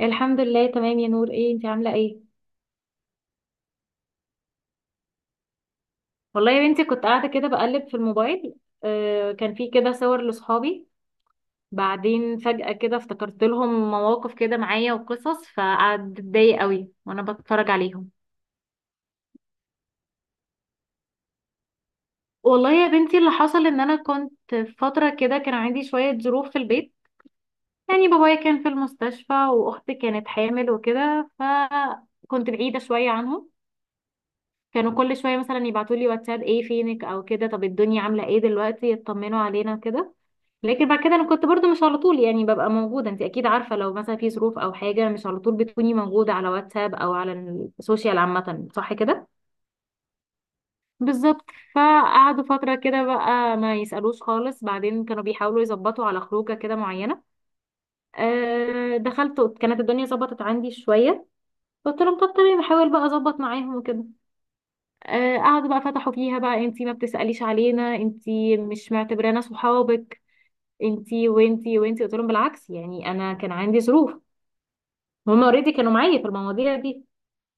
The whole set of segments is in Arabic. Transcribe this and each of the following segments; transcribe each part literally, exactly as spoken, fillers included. الحمد لله تمام يا نور، ايه انت عامله ايه؟ والله يا بنتي، كنت قاعده كده بقلب في الموبايل. آه كان في كده صور لاصحابي، بعدين فجأة كده افتكرت لهم مواقف كده معايا وقصص، فقعدت اتضايق قوي وانا بتفرج عليهم. والله يا بنتي، اللي حصل ان انا كنت في فتره كده كان عندي شويه ظروف في البيت. يعني بابايا كان في المستشفى واختي كانت حامل وكده، فكنت بعيده شويه عنهم. كانوا كل شويه مثلا يبعتوا لي واتساب: ايه فينك او كده، طب الدنيا عامله ايه دلوقتي، يطمنوا علينا كده. لكن بعد كده انا كنت برضو مش على طول يعني ببقى موجوده. انت اكيد عارفه، لو مثلا في ظروف او حاجه، مش على طول بتكوني موجوده على واتساب او على السوشيال عامه، صح كده؟ بالظبط. فقعدوا فتره كده بقى ما يسالوش خالص، بعدين كانوا بيحاولوا يظبطوا على خروجه كده معينه. أه دخلت كانت الدنيا ظبطت عندي شويه، قلت لهم طب تمام، بحاول بقى اظبط معاهم وكده. آه، قعدوا بقى فتحوا فيها بقى: انتي ما بتسأليش علينا، انتي مش معتبرانا صحابك، انتي وانتي وانتي. قلت لهم بالعكس، يعني انا كان عندي ظروف، هما اوريدي كانوا معايا في المواضيع دي.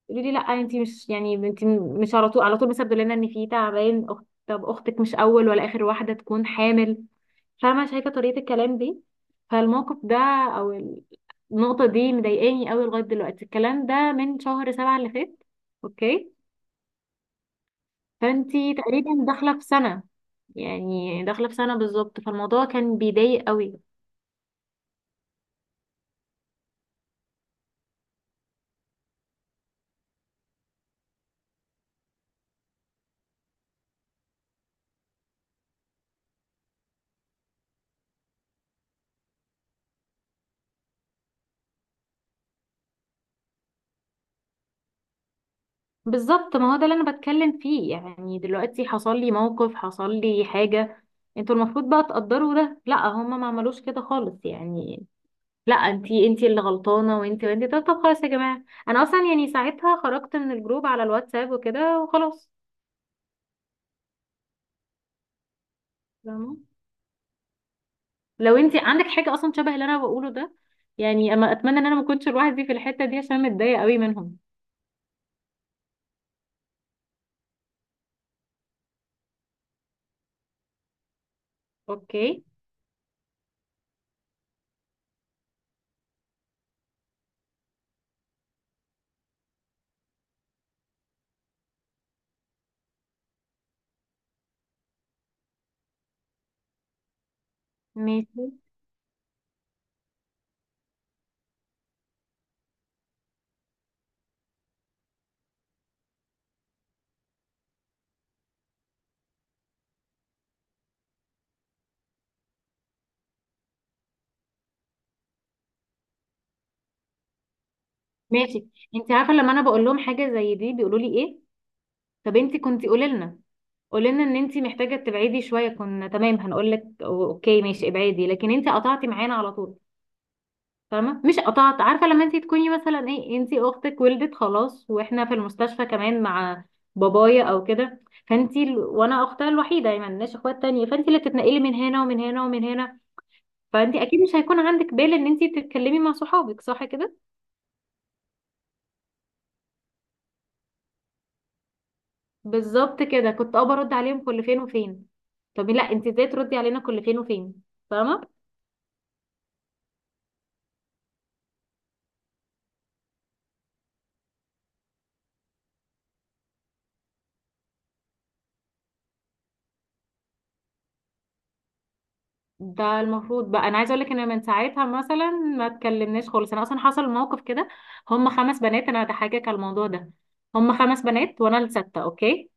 يقولوا لي لا، انت مش يعني انت مش على طول على طول مثلا لنا ان في تعبان أخت. طب اختك مش اول ولا اخر واحده تكون حامل. فاهمه؟ شايفه طريقه الكلام دي؟ فالموقف ده، او ال- النقطه دي، مضايقاني قوي لغايه دلوقتي. الكلام ده من شهر سبعة اللي فات. اوكي. فانت تقريبا داخله في سنه، يعني داخله في سنه بالظبط، فالموضوع كان بيضايق قوي. بالظبط، ما هو ده اللي انا بتكلم فيه. يعني دلوقتي حصل لي موقف، حصل لي حاجة، انتوا المفروض بقى تقدروا ده. لا، هما ما عملوش كده خالص يعني، لا انتي، انتي اللي غلطانة وانتي وانتي. طب طب خلاص يا جماعة، انا اصلا يعني ساعتها خرجت من الجروب على الواتساب وكده وخلاص. فاهمة؟ لو انتي عندك حاجة اصلا شبه اللي انا بقوله ده، يعني اما اتمنى ان انا ما كنتش لوحدي في الحتة دي عشان متضايقة قوي منهم. اوكي ماشي ماشي. انتي عارفة لما انا بقول لهم حاجة زي دي بيقولوا لي ايه؟ طب انتي كنتي قولي لنا، قولنا ان انت محتاجه تبعدي شويه، كنا تمام، هنقول لك اوكي ماشي ابعدي، لكن انت قطعتي معانا على طول. فاهمه؟ مش قطعت. عارفه لما انت تكوني مثلا، ايه، انت اختك ولدت خلاص واحنا في المستشفى كمان مع بابايا او كده، فانت ال... وانا اختها الوحيده يعني ما عندناش اخوات تانية، فانت اللي بتتنقلي من هنا ومن هنا ومن هنا. فانت اكيد مش هيكون عندك بال ان انت تتكلمي مع صحابك، صح كده؟ بالظبط كده. كنت اه برد عليهم كل فين وفين. طب لا، انت ازاي تردي علينا كل فين وفين؟ فاهمه؟ ده المفروض بقى. انا عايزه اقول لك ان من ساعتها مثلا ما اتكلمناش خالص. انا اصلا حصل موقف كده. هم خمس بنات، انا هضحكك على الموضوع ده. هم خمس بنات وانا السادسه، اوكي؟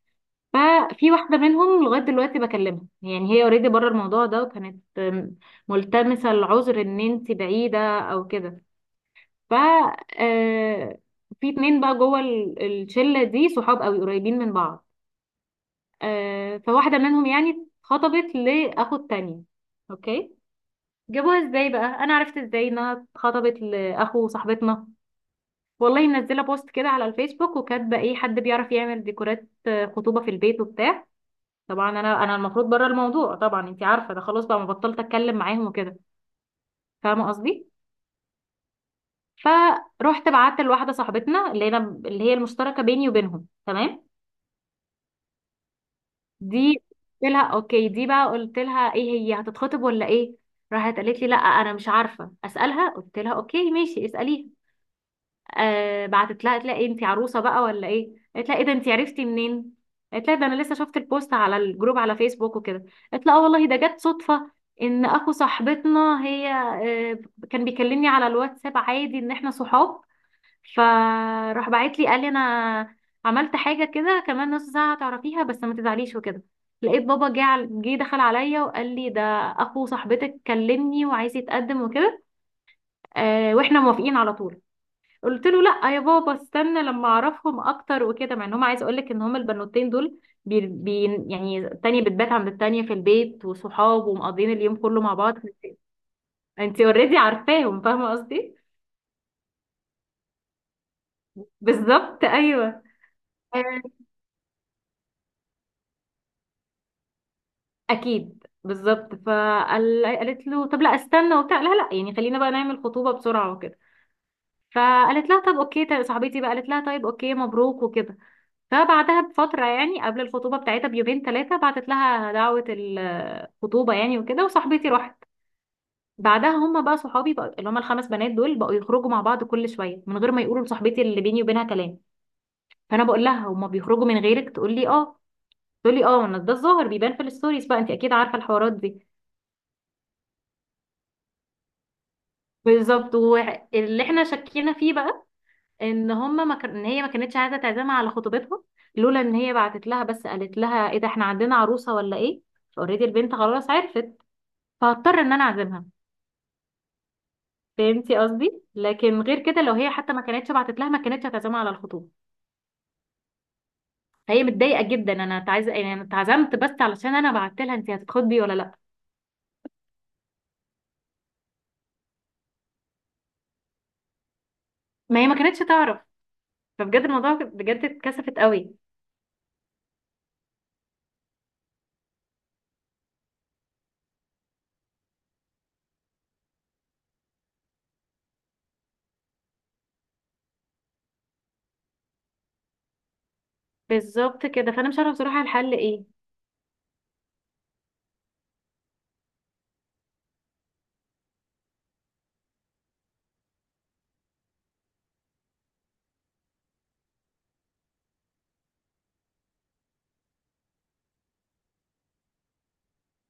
ففي واحده منهم لغايه دلوقتي بكلمها، يعني هي اوريدي بره الموضوع ده وكانت أم، ملتمسه العذر ان انت بعيده او كده. ف آه، في اتنين بقى جوه ال- الشله دي صحاب قوي قريبين من بعض. آه، فواحده منهم يعني اتخطبت لاخو التانية، اوكي. جابوها ازاي بقى؟ انا عرفت ازاي انها اتخطبت لاخو صاحبتنا؟ والله منزله بوست كده على الفيسبوك وكاتبه: ايه حد بيعرف يعمل ديكورات آه، خطوبه في البيت وبتاع. طبعا انا انا المفروض بره الموضوع، طبعا انتي عارفه، ده خلاص بقى ما بطلت اتكلم معاهم وكده. فاهمه قصدي؟ فروحت بعت لواحده صاحبتنا، اللي انا، اللي هي المشتركه بيني وبينهم، تمام، دي. قلت لها اوكي، دي بقى قلت لها: ايه، هي هتتخطب ولا ايه؟ راحت قالت لي لا انا مش عارفه، اسالها. قلت لها اوكي ماشي، اساليها. آه بعتت لها، قالت لها: ايه انت عروسه بقى ولا ايه؟ قالت لها: ايه ده، انت عرفتي منين؟ قالت لها: ده انا لسه شفت البوست على الجروب على فيسبوك وكده. قالت لها: اه والله ده جت صدفه. ان اخو صاحبتنا، هي، آه كان بيكلمني على الواتساب عادي ان احنا صحاب. فراح بعت لي قال لي: انا عملت حاجه كده، كمان نص ساعه هتعرفيها، بس ما تزعليش وكده. لقيت بابا جه، عل- جه دخل عليا وقال لي: ده اخو صاحبتك كلمني وعايز يتقدم وكده، آه واحنا موافقين على طول. قلت له لا يا بابا، استنى لما اعرفهم اكتر وكده. مع ان هم، عايز اقول لك ان هم البنوتين دول بي بي يعني، التانية بتبات عند التانية في البيت وصحاب ومقضيين اليوم كله مع بعض. انت اوريدي عارفاهم، فاهمه قصدي؟ بالظبط ايوه. آه، اكيد بالظبط. فقالت له طب لا استنى وبتاع، لا لا يعني، خلينا بقى نعمل خطوبه بسرعه وكده. فقالت لها طب اوكي طيب. صاحبتي بقى قالت لها: طيب اوكي مبروك وكده. فبعدها بفترة، يعني قبل الخطوبة بتاعتها بيومين ثلاثة، بعتت لها دعوة الخطوبة يعني وكده، وصاحبتي راحت. بعدها هما بقى صحابي بقى، اللي هما الخمس بنات دول، بقوا يخرجوا مع بعض كل شوية من غير ما يقولوا لصاحبتي اللي بيني وبينها كلام. فأنا بقول لها: هما بيخرجوا من غيرك؟ تقول لي اه. تقول لي اه، انا ده الظاهر بيبان في الستوريز بقى. انت اكيد عارفة الحوارات دي. بالظبط. واللي احنا شكينا فيه بقى ان هما ما كان... ان هي ما كانتش عايزة تعزمها على خطوبتها، لولا ان هي بعتت لها بس قالت لها: ايه ده، احنا عندنا عروسة ولا ايه؟ اوريدي البنت خلاص عرفت، فهضطر ان انا اعزمها. فهمتي قصدي؟ لكن غير كده، لو هي حتى ما كانتش بعتت لها، ما كانتش هتعزمها على الخطوبه. فهي متضايقه جدا. انا تعز... يعني انا اتعزمت بس علشان انا بعت لها: انت هتتخطبي ولا لا. ما هي ما كانتش تعرف. فبجد الموضوع، بجد اتكسفت قوي. بالظبط كده. فانا مش عارفه بصراحه الحل ايه.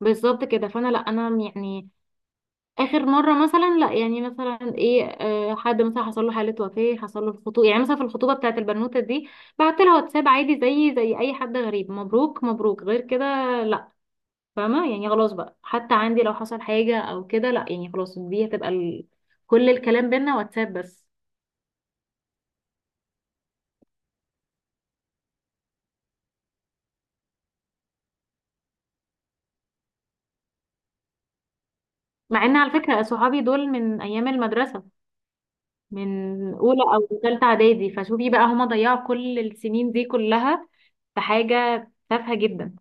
بالظبط كده. فانا لا، انا يعني اخر مره مثلا، لا يعني مثلا، ايه، آه، حد مثلا حصل له حاله وفاه، حصل له الخطوبه، يعني مثلا في الخطوبه بتاعت البنوته دي، بعت لها واتساب عادي، زي زي اي حد غريب: مبروك مبروك، غير كده. فاهمة يعني؟ خلاص بقى، حتى عندي لو حصل حاجة او كده لا، يعني خلاص، دي هتبقى ال... كل الكلام بينا واتساب بس. مع ان على فكرة صحابي دول من ايام المدرسة، من اولى او ثالثة اعدادي، فشوفي بقى هما ضيعوا كل السنين دي كلها في حاجة تافهة جدا.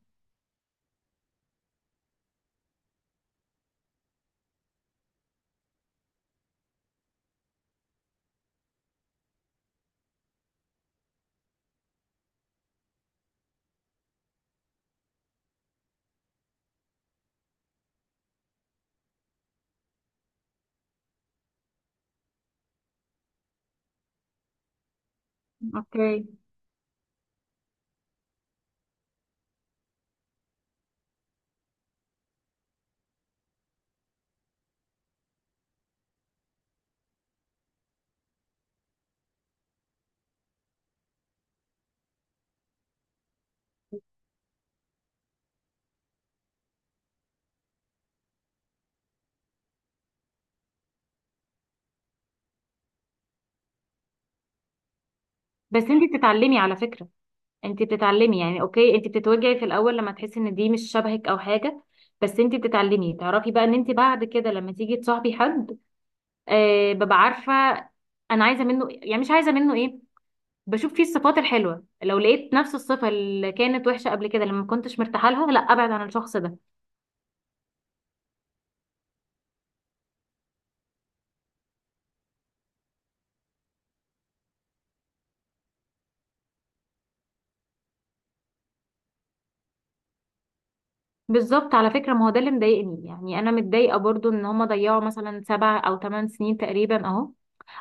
اوكي. بس انتي بتتعلمي على فكرة، انتي بتتعلمي. يعني اوكي، انتي بتتوجعي في الاول لما تحسي ان دي مش شبهك او حاجة، بس انتي بتتعلمي تعرفي بقى ان انتي بعد كده لما تيجي تصاحبي حد، آه ببقى عارفه انا عايزه منه يعني، مش عايزه منه ايه، بشوف فيه الصفات الحلوه. لو لقيت نفس الصفه اللي كانت وحشه قبل كده لما ما كنتش مرتاحه لها، لا، ابعد عن الشخص ده. بالظبط على فكره، ما هو ده اللي مضايقني. يعني انا متضايقه برضو ان هما ضيعوا مثلا سبع او ثمان سنين تقريبا اهو،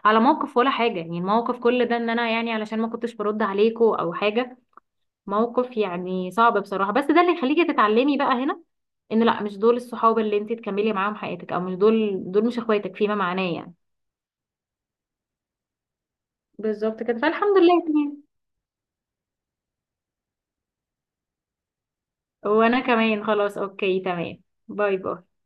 على موقف ولا حاجه، يعني الموقف كل ده ان انا يعني علشان ما كنتش برد عليكوا او حاجه. موقف يعني صعب بصراحه، بس ده اللي يخليكي تتعلمي بقى هنا ان لا، مش دول الصحاب اللي انت تكملي معاهم حياتك، او مش دول دول مش اخواتك فيما معناه يعني. بالظبط كده، فالحمد لله تمام. وانا كمان خلاص اوكي تمام. باي باي.